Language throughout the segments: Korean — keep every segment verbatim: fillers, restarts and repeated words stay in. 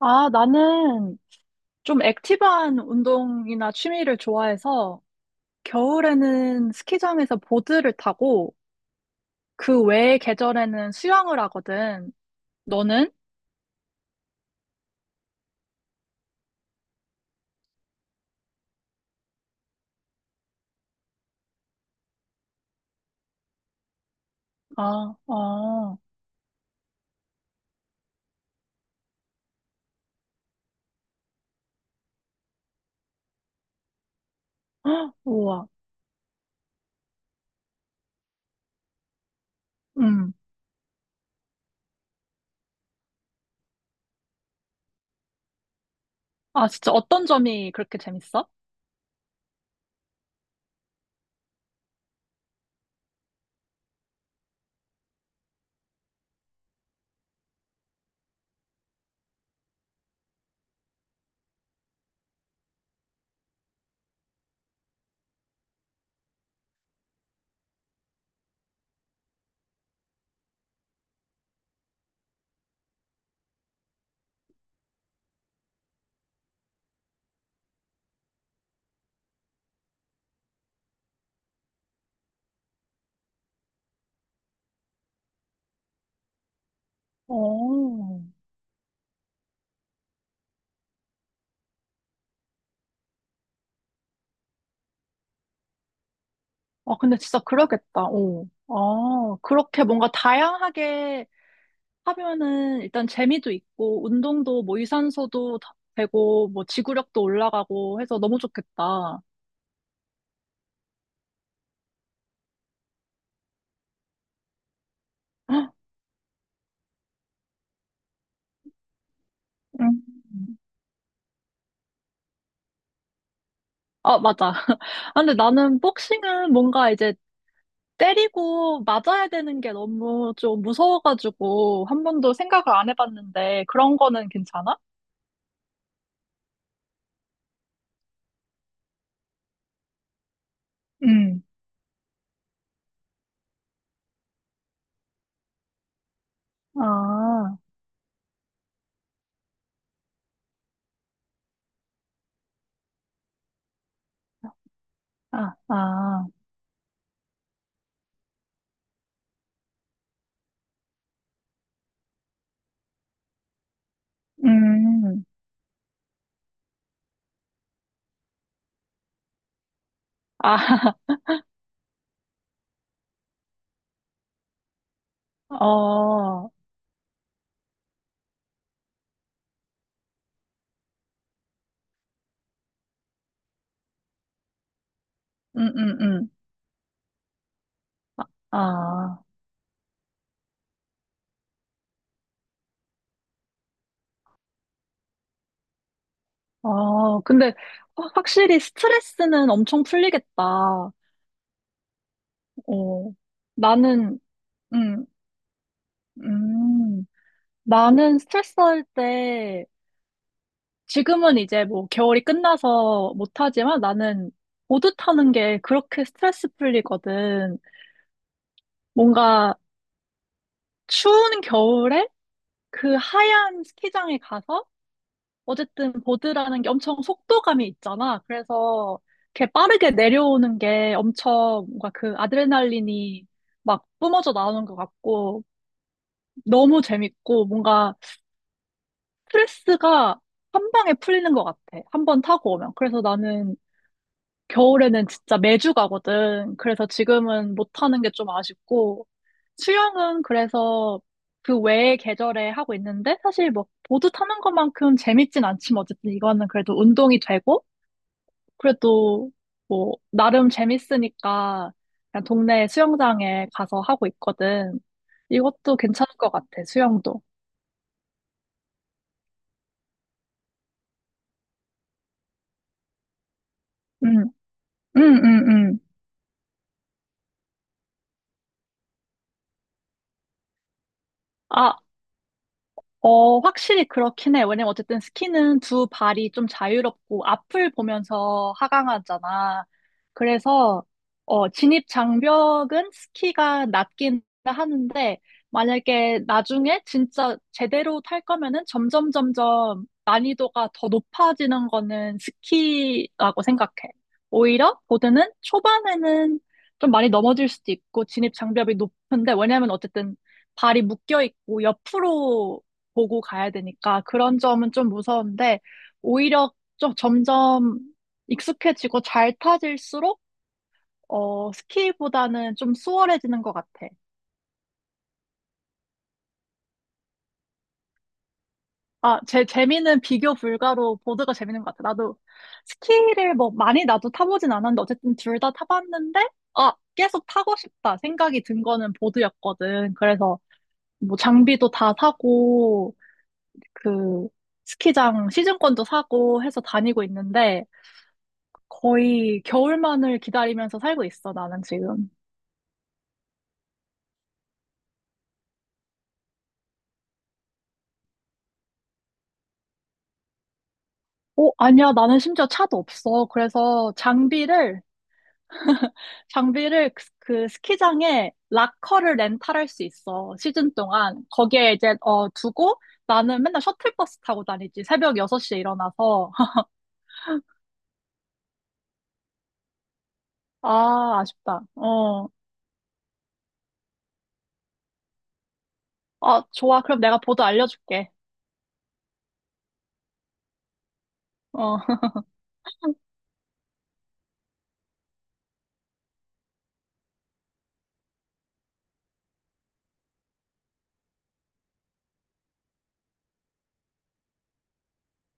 아, 나는 좀 액티브한 운동이나 취미를 좋아해서 겨울에는 스키장에서 보드를 타고 그 외의 계절에는 수영을 하거든. 너는? 아, 어, 헉, 우와. 음. 아, 진짜 어떤 점이 그렇게 재밌어? 어. 아, 근데 진짜 그러겠다. 어. 아, 그렇게 뭔가 다양하게 하면은 일단 재미도 있고, 운동도 뭐 유산소도 더 되고, 뭐 지구력도 올라가고 해서 너무 좋겠다. 음. 아, 맞아. 아, 근데 나는 복싱은 뭔가 이제 때리고 맞아야 되는 게 너무 좀 무서워가지고 한 번도 생각을 안 해봤는데 그런 거는 괜찮아? 음, 아, 아, 아. 음. 아, 어, 음, 음, 음. 아, 아, 근데 확- 확실히 스트레스는 엄청 풀리겠다. 어, 나는, 음, 음, 나는 스트레스 할 때, 지금은 이제 뭐 겨울이 끝나서 못하지만 나는 보드 타는 게 그렇게 스트레스 풀리거든. 뭔가 추운 겨울에 그 하얀 스키장에 가서 어쨌든 보드라는 게 엄청 속도감이 있잖아. 그래서 이렇게 빠르게 내려오는 게 엄청 뭔가 그 아드레날린이 막 뿜어져 나오는 것 같고 너무 재밌고 뭔가 스트레스가 한 방에 풀리는 것 같아. 한 번 타고 오면. 그래서 나는 겨울에는 진짜 매주 가거든. 그래서 지금은 못 타는 게 좀 아쉽고 수영은 그래서 그 외의 계절에 하고 있는데 사실 뭐 보드 타는 것만큼 재밌진 않지만 어쨌든 이거는 그래도 운동이 되고 그래도 뭐 나름 재밌으니까 그냥 동네 수영장에 가서 하고 있거든. 이것도 괜찮을 것 같아, 수영도. 응, 응, 응, 응. 아, 어, 확실히 그렇긴 해. 왜냐면 어쨌든 스키는 두 발이 좀 자유롭고 앞을 보면서 하강하잖아. 그래서, 어, 진입 장벽은 스키가 낮긴 하는데, 만약에 나중에 진짜 제대로 탈 거면은 점점 점점 난이도가 더 높아지는 거는 스키라고 생각해. 오히려 보드는 초반에는 좀 많이 넘어질 수도 있고, 진입 장벽이 높은데, 왜냐면 어쨌든 발이 묶여 있고 옆으로 보고 가야 되니까 그런 점은 좀 무서운데 오히려 좀 점점 익숙해지고 잘 타질수록 어, 스키보다는 좀 수월해지는 것 같아. 아, 제 재미는 비교 불가로 보드가 재밌는 것 같아. 나도 스키를 뭐 많이 나도 타보진 않았는데 어쨌든 둘 다 타봤는데 아, 계속 타고 싶다 생각이 든 거는 보드였거든. 그래서 뭐 장비도 다 사고 그 스키장 시즌권도 사고 해서 다니고 있는데 거의 겨울만을 기다리면서 살고 있어, 나는 지금. 어, 아니야, 나는 심지어 차도 없어. 그래서 장비를, 장비를 그, 그 스키장에 락커를 렌탈할 수 있어, 시즌 동안. 거기에 이제, 어, 두고 나는 맨날 셔틀버스 타고 다니지. 새벽 여섯 시에 일어나서. 아, 아쉽다. 어. 아, 좋아. 그럼 내가 보도 알려줄게. 어.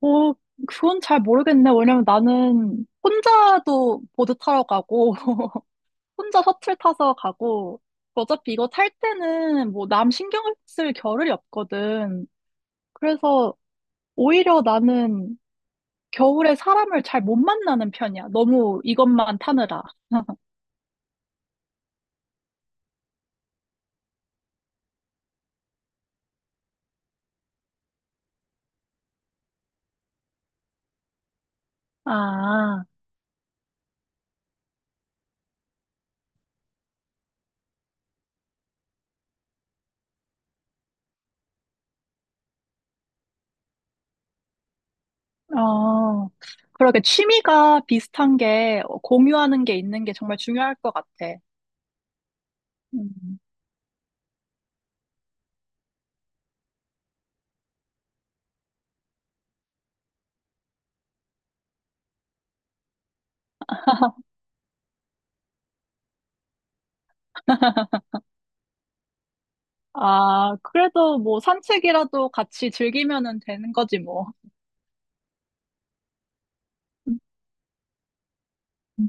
어, 그건 잘 모르겠네. 왜냐면 나는 혼자도 보드 타러 가고, 혼자 셔틀 타서 가고, 그 어차피 이거 탈 때는 뭐 남 신경 쓸 겨를이 없거든. 그래서 오히려 나는 겨울에 사람을 잘 못 만나는 편이야. 너무 이것만 타느라. 아, 어. 그러게 취미가 비슷한 게 어, 공유하는 게 있는 게 정말 중요할 것 같아. 음. 아, 그래도 뭐 산책이라도 같이 즐기면은 되는 거지 뭐. 음.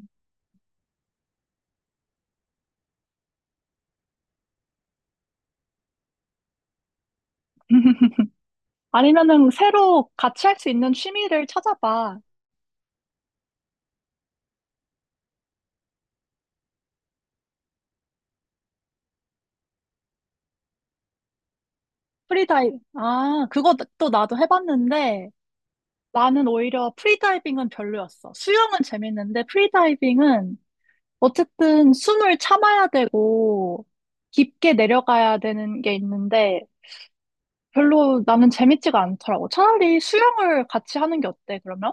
아니면은 새로 같이 할 수 있는 취미를 찾아봐. 프리다이빙. 아, 그것도 나도 해봤는데 나는 오히려 프리다이빙은 별로였어. 수영은 재밌는데 프리다이빙은 어쨌든 숨을 참아야 되고 깊게 내려가야 되는 게 있는데 별로 나는 재밌지가 않더라고. 차라리 수영을 같이 하는 게 어때, 그러면?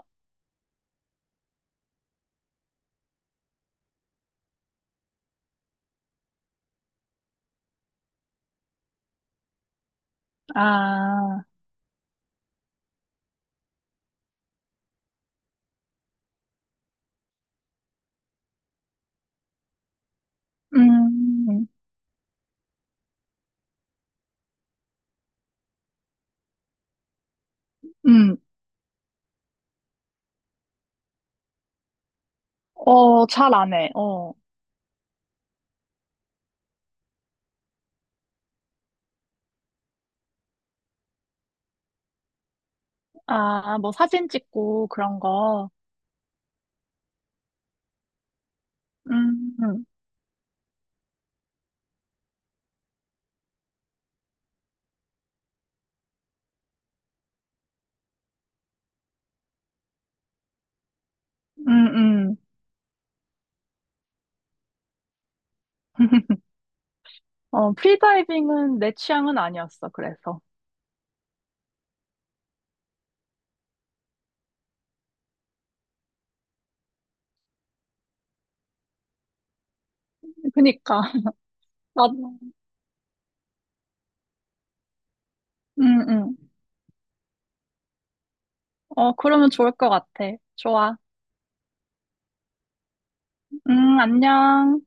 아, 음, 음, 어, 잘 안 해. 어, 아, 뭐 사진 찍고 그런 거. 음, 음, 음. 어, 프리다이빙은 내 취향은 아니었어, 그래서. 그니까. 나, 응, 응. 어, 그러면 좋을 것 같아. 좋아. 응, 안녕.